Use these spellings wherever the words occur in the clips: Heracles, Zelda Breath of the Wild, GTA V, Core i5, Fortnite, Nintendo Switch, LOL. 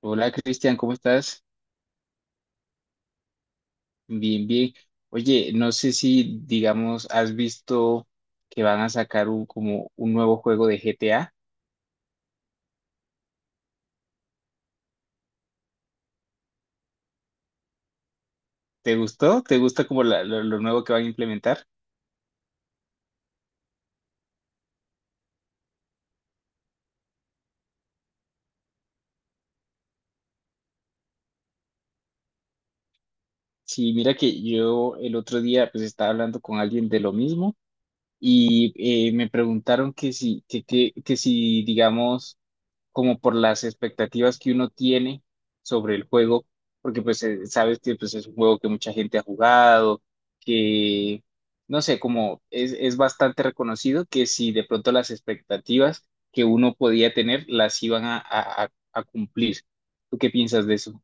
Hola, Cristian, ¿cómo estás? Bien, bien. Oye, no sé si, digamos, has visto que van a sacar un, como un nuevo juego de GTA. ¿Te gustó? ¿Te gusta como lo nuevo que van a implementar? Sí, mira que yo el otro día pues estaba hablando con alguien de lo mismo y me preguntaron que si, que si, digamos, como por las expectativas que uno tiene sobre el juego, porque pues sabes que pues, es un juego que mucha gente ha jugado, que no sé, como es bastante reconocido, que si de pronto las expectativas que uno podía tener las iban a cumplir. ¿Tú qué piensas de eso?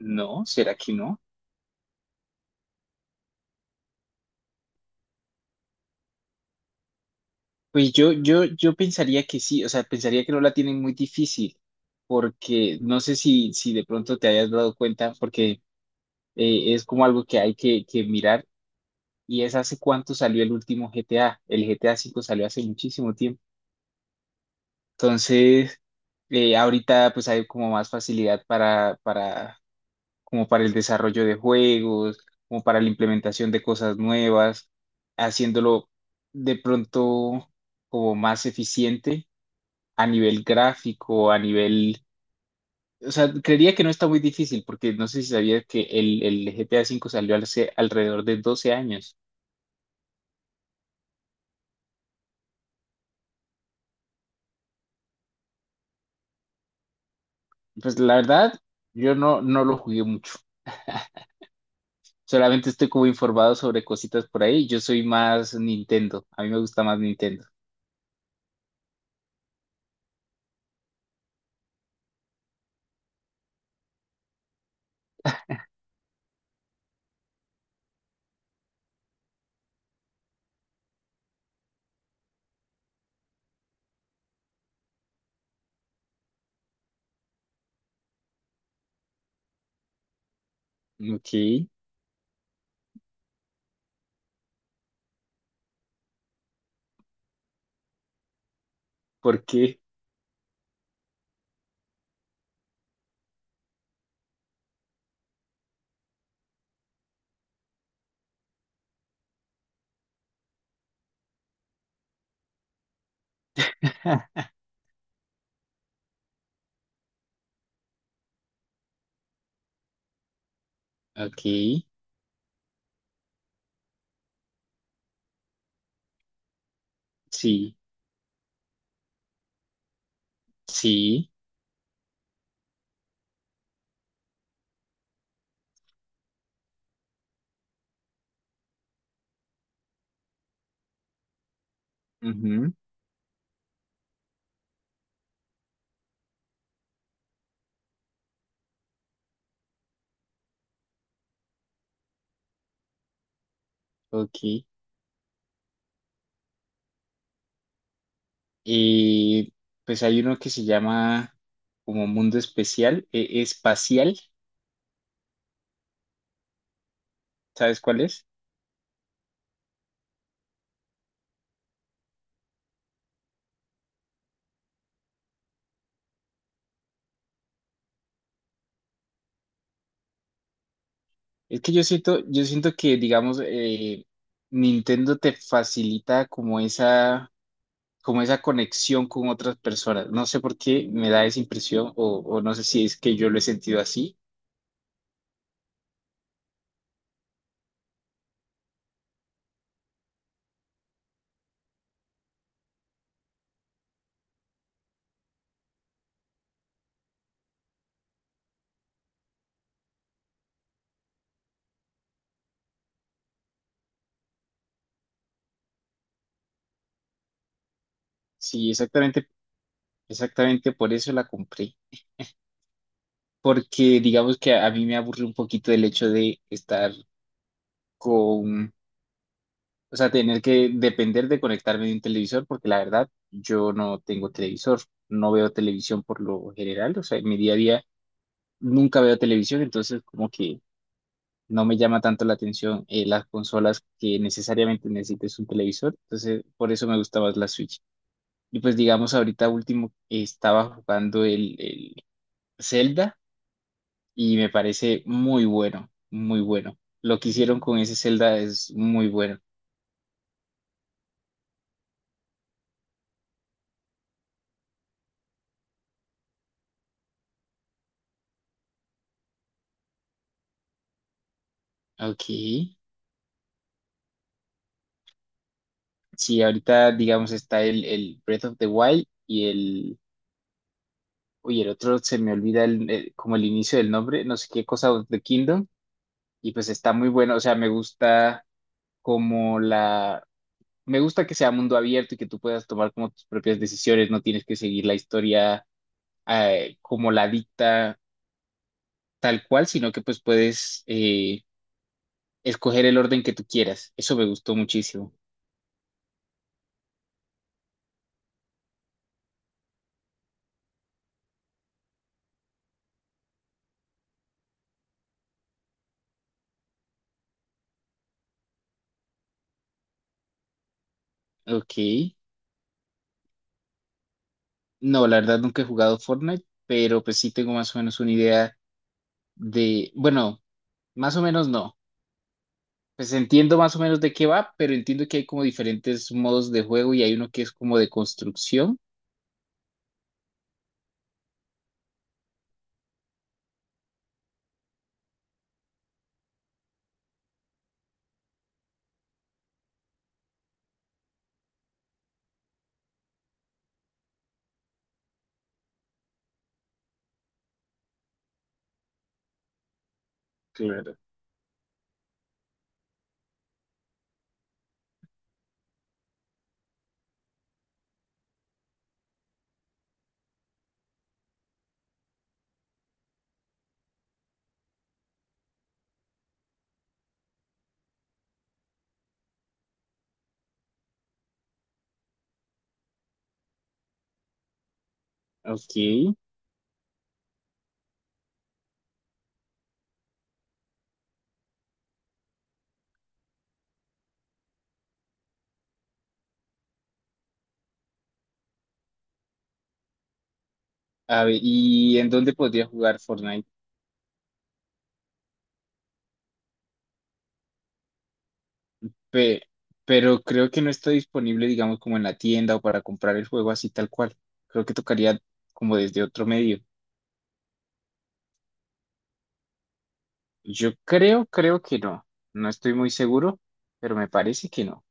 No, ¿será que no? Pues yo pensaría que sí, o sea, pensaría que no la tienen muy difícil, porque no sé si de pronto te hayas dado cuenta, porque es como algo que hay que mirar. Y es hace cuánto salió el último GTA. El GTA V salió hace muchísimo tiempo. Entonces, ahorita pues hay como más facilidad como para el desarrollo de juegos, como para la implementación de cosas nuevas, haciéndolo de pronto como más eficiente a nivel gráfico, a nivel... O sea, creería que no está muy difícil porque no sé si sabías que el GTA V salió hace alrededor de 12 años. Pues la verdad, yo no lo jugué mucho. Solamente estoy como informado sobre cositas por ahí. Yo soy más Nintendo. A mí me gusta más Nintendo. Ok, ¿por qué? Ok, sí, sí, ujú, ok. Eh, pues hay uno que se llama como Mundo Especial, Espacial, ¿sabes cuál es? Es que yo siento que, digamos, Nintendo te facilita como esa conexión con otras personas. No sé por qué me da esa impresión o no sé si es que yo lo he sentido así. Sí, exactamente, exactamente por eso la compré. Porque digamos que a mí me aburre un poquito el hecho de estar con, o sea, tener que depender de conectarme de un televisor, porque la verdad yo no tengo televisor, no veo televisión por lo general, o sea, en mi día a día nunca veo televisión, entonces como que no me llama tanto la atención, las consolas que necesariamente necesites un televisor, entonces por eso me gusta más la Switch. Y pues digamos, ahorita último, estaba jugando el Zelda y me parece muy bueno, muy bueno. Lo que hicieron con ese Zelda es muy bueno. Ok. Sí, ahorita digamos está el Breath of the Wild y el... Oye, el otro se me olvida como el inicio del nombre, no sé qué cosa of the Kingdom, y pues está muy bueno, o sea, me gusta como la, me gusta que sea mundo abierto y que tú puedas tomar como tus propias decisiones, no tienes que seguir la historia, como la dicta tal cual, sino que pues puedes, escoger el orden que tú quieras. Eso me gustó muchísimo. Ok. No, la verdad nunca he jugado Fortnite, pero pues sí tengo más o menos una idea de, bueno, más o menos no. Pues entiendo más o menos de qué va, pero entiendo que hay como diferentes modos de juego y hay uno que es como de construcción. Claro. Ok. A ver, ¿y en dónde podría jugar Fortnite? Pe- pero creo que no está disponible, digamos, como en la tienda o para comprar el juego así tal cual. Creo que tocaría como desde otro medio. Yo creo, creo que no. No estoy muy seguro, pero me parece que no.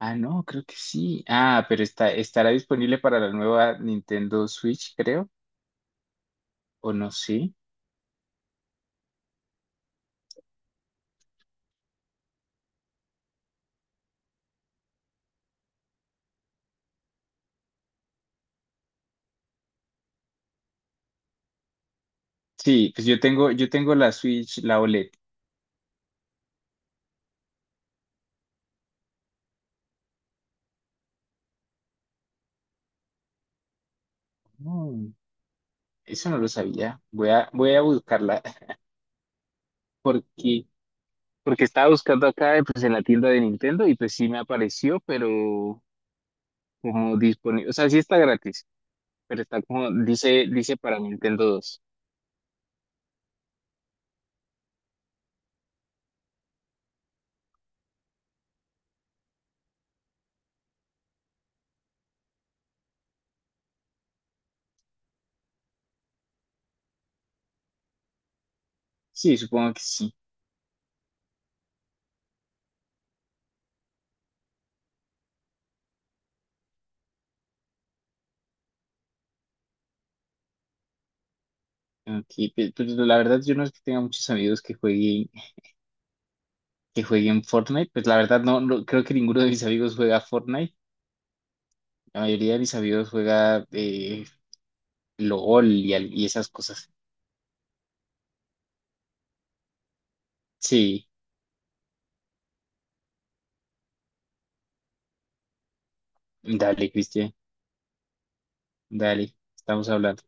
Ah, no, creo que sí. Ah, pero está, estará disponible para la nueva Nintendo Switch, creo, o no sí. Sí, pues yo tengo la Switch, la OLED. Mm, eso no lo sabía. Voy a, voy a buscarla porque... Porque estaba buscando acá, pues en la tienda de Nintendo y pues sí me apareció, pero como disponible, o sea, sí está gratis, pero está como, dice, dice para Nintendo dos. Sí, supongo que sí. Aquí, pues, pues, la verdad yo no es que tenga muchos amigos que jueguen Fortnite, pues la verdad no, no- creo que ninguno de mis amigos juega Fortnite, la mayoría de mis amigos juega, LOL y, al- y esas cosas. Sí, dale, Cristian, dale, estamos hablando.